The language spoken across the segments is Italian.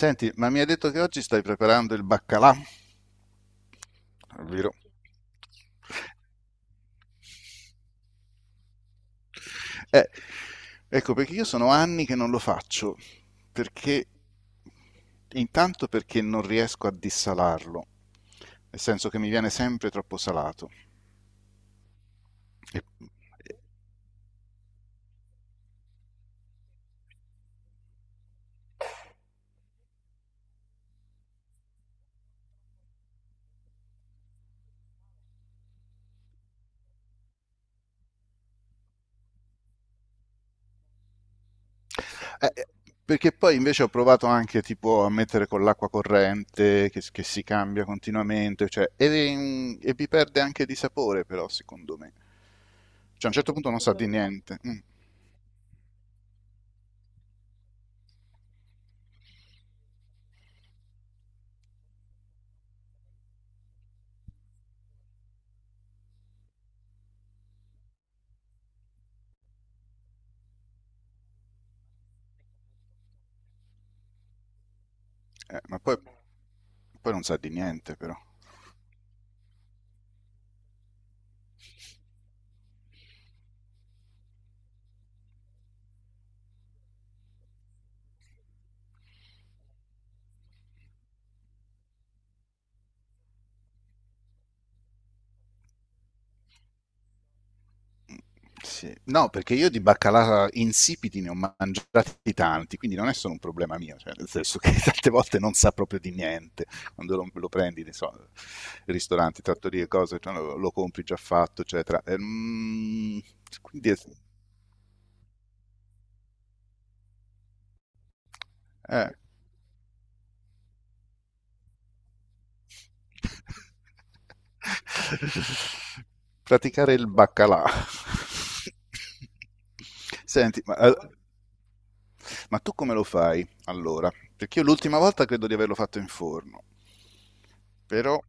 Senti, ma mi hai detto che oggi stai preparando il baccalà, vero? Eh, ecco, perché io sono anni che non lo faccio, perché intanto perché non riesco a dissalarlo, nel senso che mi viene sempre troppo salato. E- eh, eh, Perché poi invece ho provato anche tipo a mettere con l'acqua corrente che si cambia continuamente, cioè, e vi perde anche di sapore però secondo me. Cioè a un certo punto non sa di niente. Mm. Ma poi non sa di niente, però. Sì. No, perché io di baccalà insipidi ne ho mangiati tanti, quindi non è solo un problema mio, cioè, nel senso che tante volte non sa proprio di niente. Quando lo prendi, ne so, ristoranti, trattorie, cose, cioè, compri già fatto, eccetera. E, quindi, eh. Praticare il baccalà. Senti, ma, ma tu come lo fai allora? Perché io l'ultima volta credo di averlo fatto in forno, però...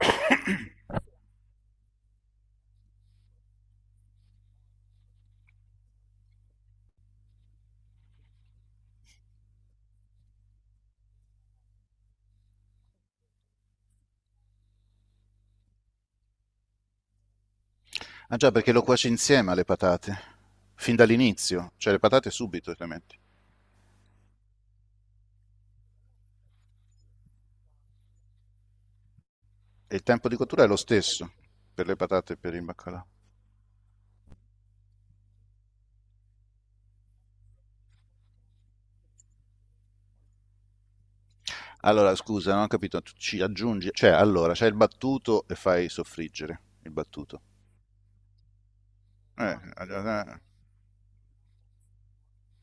Ah già, perché lo cuoci insieme alle patate, fin dall'inizio, cioè le patate subito le metti. E il tempo di cottura è lo stesso per le patate e per il baccalà. Allora, scusa, non ho capito, tu ci aggiungi... Cioè, allora, c'è il battuto e fai soffriggere il battuto. Eh, eh, eh,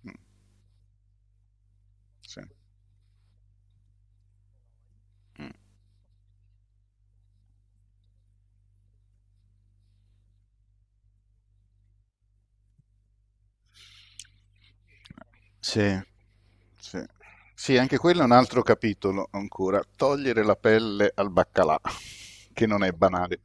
mm, sì. Mm. Sì, sì. Sì, anche quello è un altro capitolo ancora. Togliere la pelle al baccalà, che non è banale.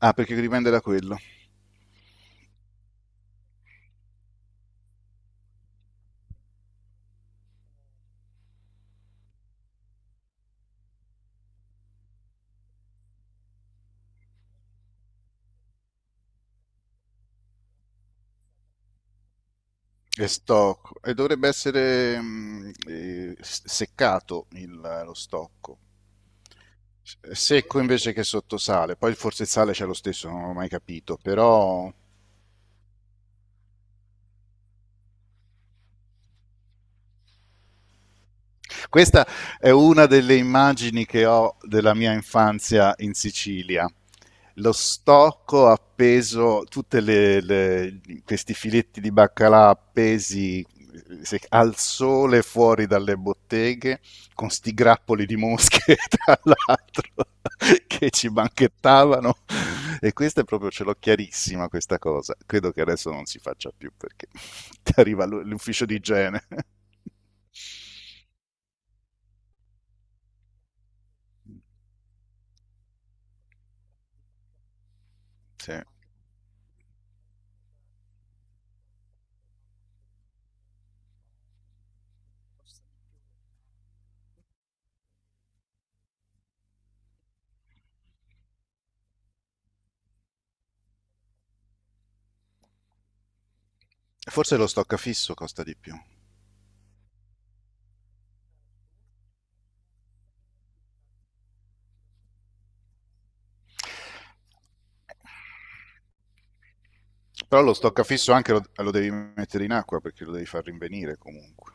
Ah, perché dipende da quello. È stocco e dovrebbe essere seccato lo stocco. È secco invece che sottosale. Poi forse il sale c'è lo stesso, non l'ho mai capito, però questa è una delle immagini che ho della mia infanzia in Sicilia. Lo stocco appeso, tutti questi filetti di baccalà appesi al sole fuori dalle botteghe, con sti grappoli di mosche tra l'altro che ci banchettavano. E questa è proprio, ce l'ho chiarissima questa cosa. Credo che adesso non si faccia più perché ti arriva l'ufficio di igiene. Sì. Forse lo stoccafisso costa di più. Però lo stoccafisso anche lo devi mettere in acqua perché lo devi far rinvenire comunque.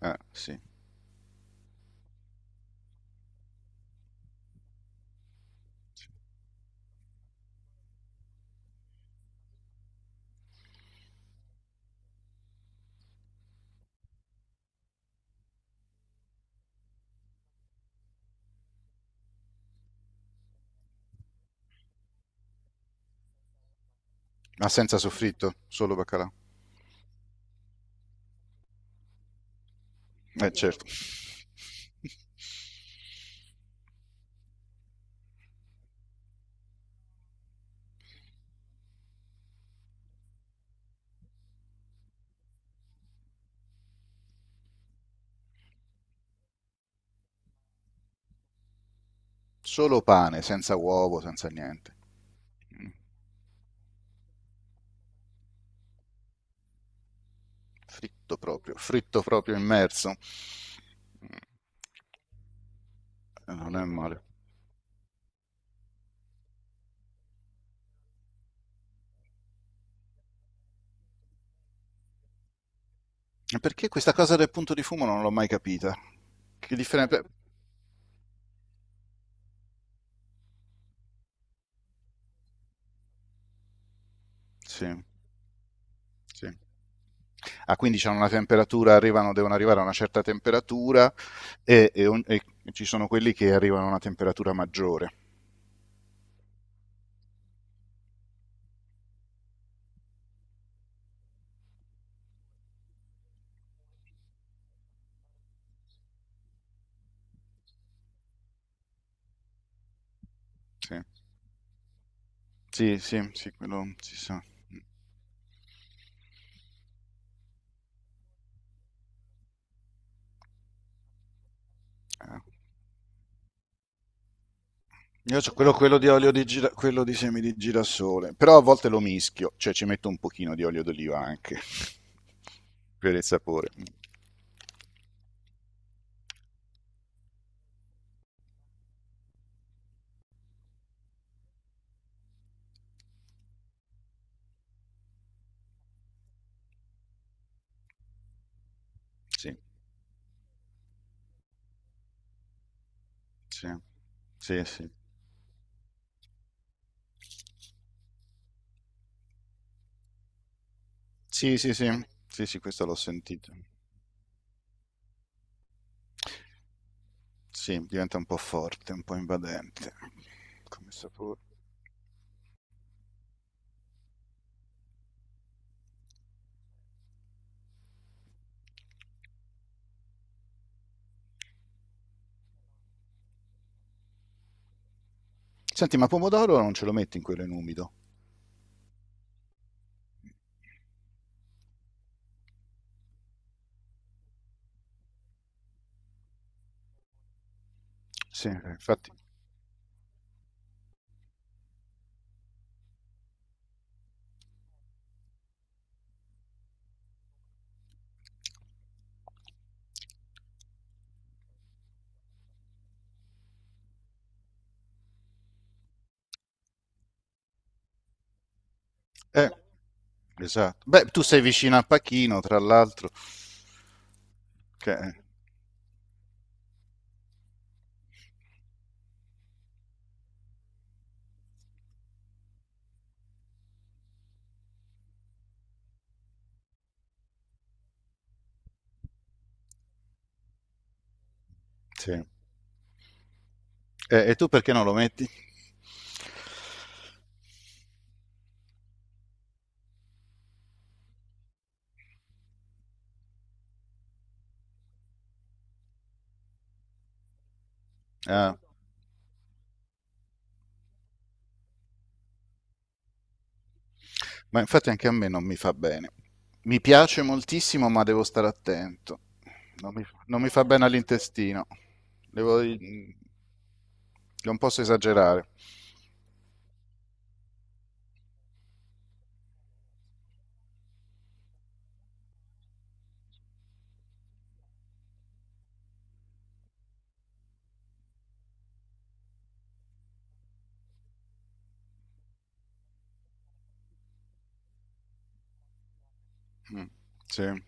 Sì. Ma senza soffritto? Solo baccalà? Certo. Solo pane, senza uovo, senza niente. Mm. Fritto proprio immerso. Non è male. Perché questa cosa del punto di fumo non l'ho mai capita? Che differenza... Sì, sì, a 15 hanno una temperatura, arrivano, devono arrivare a una certa temperatura e ci sono quelli che arrivano a una temperatura maggiore. Sì, sì, sì, sì, quello si sa. Eh. Io ho quello, quello di quello di semi di girasole, però a volte lo mischio, cioè ci metto un pochino di olio d'oliva anche per il sapore. Sì, sì, sì, sì. Sì, sì, sì, sì, sì, questo l'ho sentito. Sì, diventa un po' forte, un po' invadente come sapore. Senti, ma pomodoro non ce lo metti in quello in umido? Sì, infatti. Eh, esatto. Beh, tu sei vicino a Pachino, tra l'altro. che- eh, sì. E tu perché non lo metti? Ah, ma infatti anche a me non mi fa bene. Mi piace moltissimo, ma devo stare attento. Non mi fa bene all'intestino. Devo, non posso esagerare. Mm, sì,